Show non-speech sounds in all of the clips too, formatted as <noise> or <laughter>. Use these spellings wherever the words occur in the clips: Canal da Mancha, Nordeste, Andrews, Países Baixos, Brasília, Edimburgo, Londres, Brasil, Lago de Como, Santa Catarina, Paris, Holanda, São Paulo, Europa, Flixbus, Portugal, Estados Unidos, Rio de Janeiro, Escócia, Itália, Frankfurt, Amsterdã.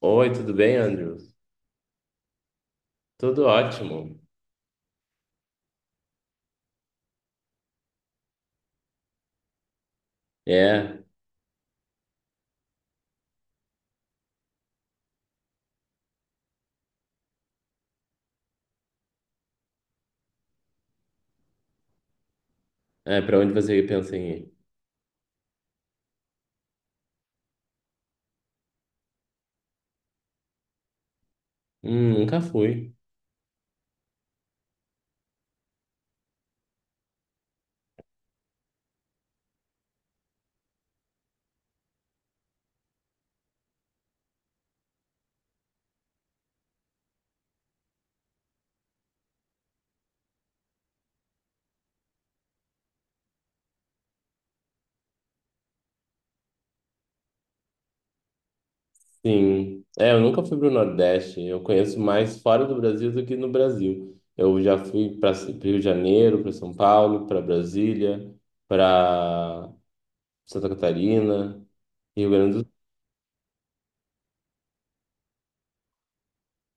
Oi, tudo bem, Andrews? Tudo ótimo. É, Pra onde você pensa em ir? Nunca fui. Sim. É, eu nunca fui pro Nordeste. Eu conheço mais fora do Brasil do que no Brasil. Eu já fui para Rio de Janeiro, para São Paulo, para Brasília, para Santa Catarina, Rio Grande do...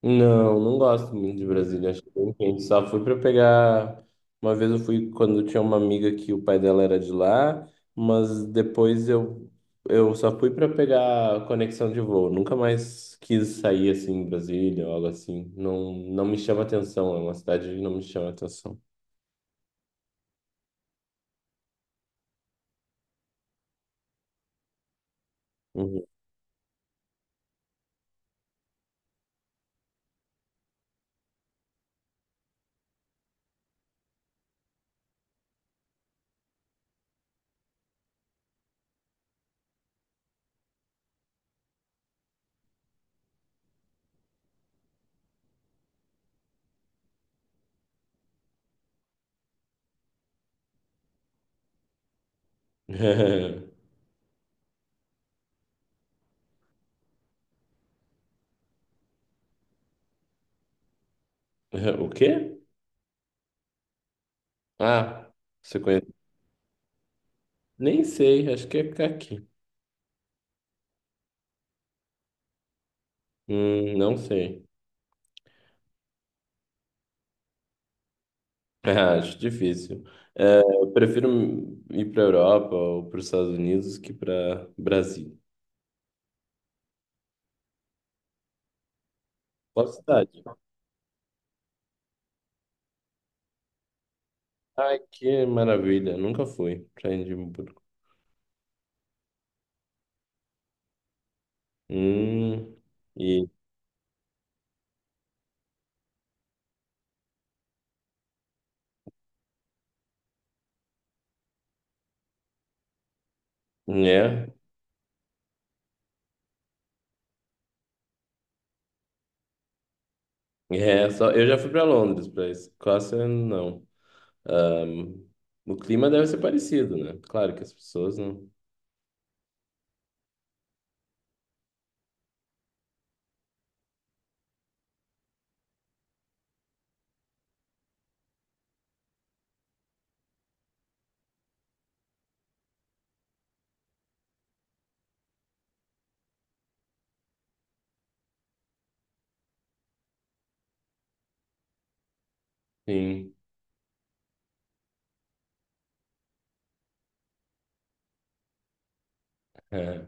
Não, não gosto muito de Brasília, acho que é bem quente. Só fui para pegar. Uma vez eu fui quando tinha uma amiga que o pai dela era de lá, mas eu só fui para pegar conexão de voo. Nunca mais quis sair assim em Brasília ou algo assim. Não, não me chama atenção, é uma cidade que não me chama atenção. Uhum. <laughs> O quê? Ah, você conhece? Nem sei, acho que é aqui. Não sei. <laughs> É, acho difícil. É, eu prefiro ir para Europa ou para os Estados Unidos que para Brasil. Qual cidade? Ai, que maravilha. Nunca fui para Edimburgo. Hum, e né? É, só, eu já fui para Londres, para Escócia não. Ahm, o clima deve ser parecido, né? Claro que as pessoas não. Sim. É.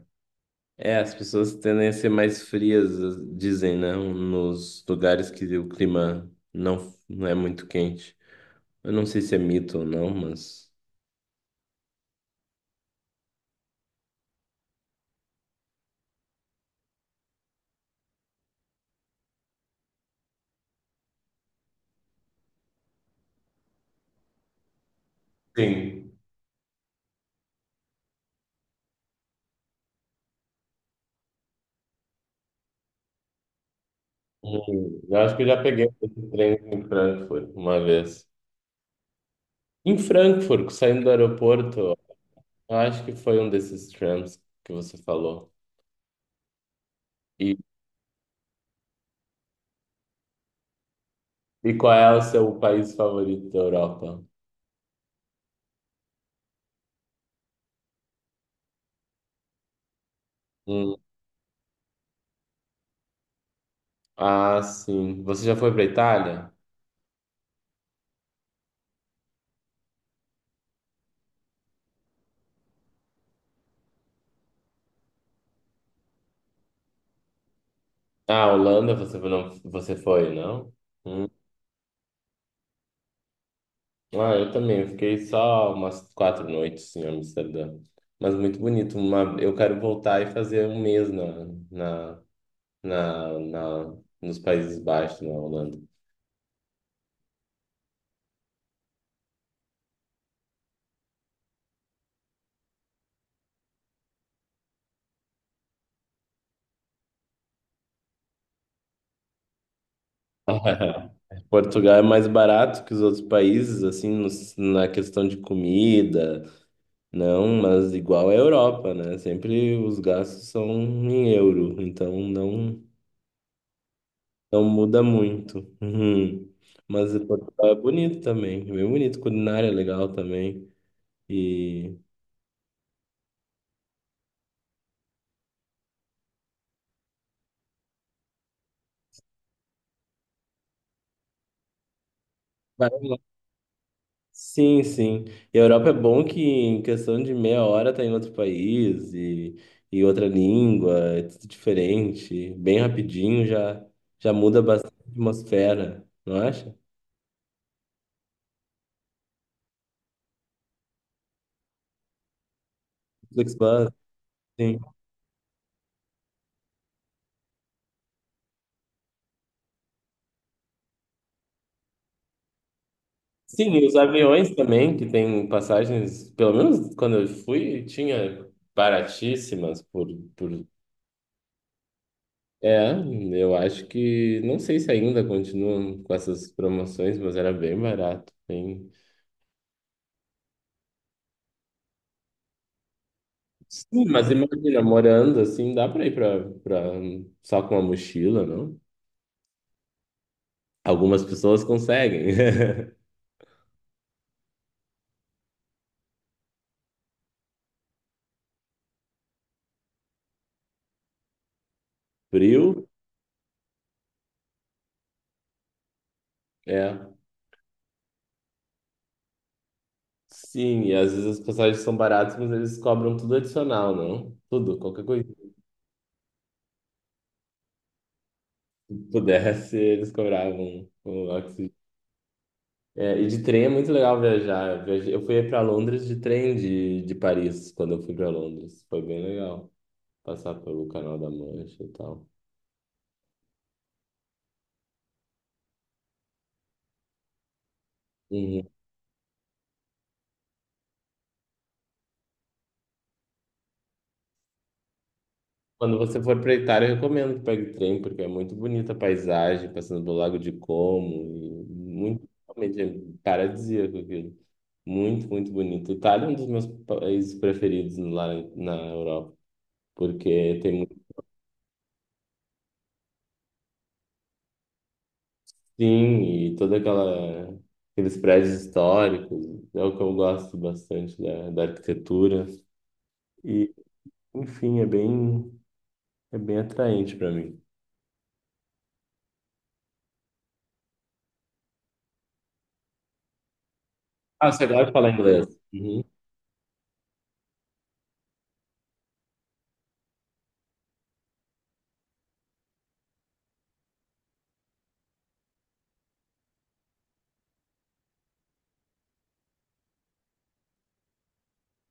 É, as pessoas tendem a ser mais frias, dizem, né? Nos lugares que o clima não é muito quente. Eu não sei se é mito ou não, mas. Sim. Eu acho que eu já peguei esse trem em Frankfurt uma vez. Em Frankfurt, saindo do aeroporto, eu acho que foi um desses trams que você falou. E, e qual é o seu país favorito da Europa? Hum, ah, sim. Você já foi para Itália? Ah, Holanda você não, você foi, não? Hum. Ah, eu também. Eu fiquei só umas quatro noites assim, em Amsterdã. Mas muito bonito. Uma... Eu quero voltar e fazer um mês na, na- nos Países Baixos, na Holanda. <laughs> Portugal é mais barato que os outros países, assim, na questão de comida, não, mas igual à Europa, né? Sempre os gastos são em euro, então não muda muito. <laughs> Uhum. Mas Portugal é bonito também, é bem bonito, culinária é legal também. E vai lá. Sim, sim. E a Europa é bom que em questão de meia hora tá em outro país e outra língua, é tudo diferente. Bem rapidinho já, já muda bastante a atmosfera, não acha? Flixbus, sim. Sim, e os aviões também, que tem passagens, pelo menos quando eu fui, tinha baratíssimas por... É, eu acho que, não sei se ainda continuam com essas promoções, mas era bem barato, bem... Sim, mas imagina, morando assim, dá pra ir só com uma mochila, não? Algumas pessoas conseguem. <laughs> Frio, é. Sim, e às vezes as passagens são baratas, mas eles cobram tudo adicional, não? Tudo, qualquer coisa que pudesse, eles cobravam o oxigênio. É, e de trem é muito legal viajar. Eu fui para Londres de trem de Paris, quando eu fui para Londres. Foi bem legal passar pelo Canal da Mancha e tal. Uhum. Quando você for para Itália, eu recomendo que pegue trem, porque é muito bonita a paisagem, passando pelo Lago de Como, e muito, realmente, é paradisíaco aquilo. Muito, muito bonito. Itália é um dos meus países preferidos lá na Europa, porque tem muito... Sim, e toda aquela, aqueles prédios históricos, é o que eu gosto bastante da arquitetura. E, enfim, é bem atraente para mim. Ah, você gosta de falar inglês? Uhum.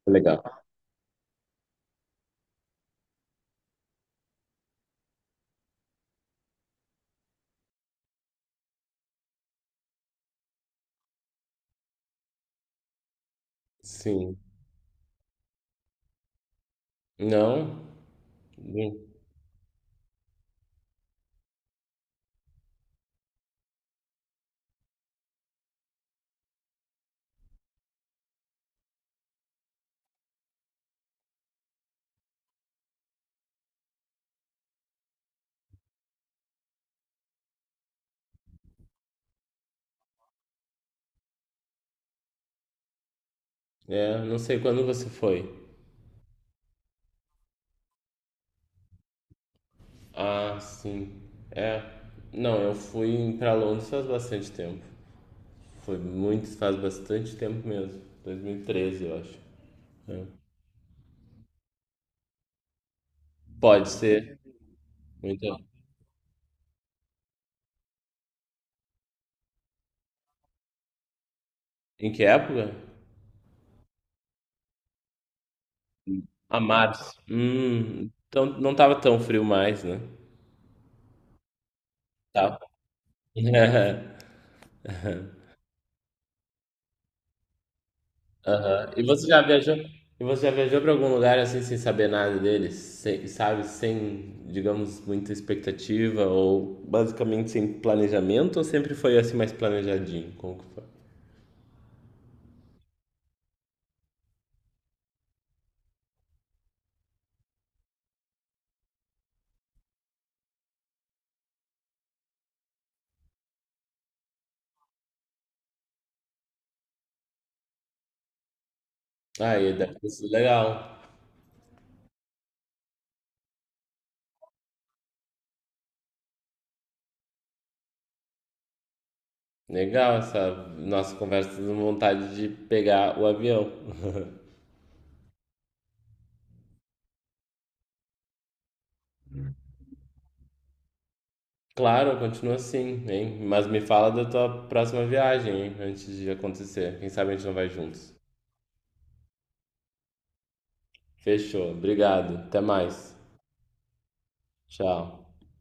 Legal. Sim. Não? É, não sei quando você foi. Ah, sim. É. Não, eu fui pra Londres faz bastante tempo. Foi muito, faz bastante tempo mesmo. 2013, eu acho. É. Pode ser. Muito. Em que época? A março. Então não tava tão frio mais, né? Tá. <laughs> Aham. E você já viajou? E você já viajou para algum lugar assim sem saber nada deles, sem, sabe, sem, digamos, muita expectativa ou basicamente sem planejamento ou sempre foi assim mais planejadinho? Como que foi? Ah, e deve ter sido legal. Legal essa nossa conversa dando vontade de pegar o avião. Claro, continua assim, hein? Mas me fala da tua próxima viagem, hein? Antes de acontecer. Quem sabe a gente não vai juntos. Fechou. Obrigado. Até mais. Tchau.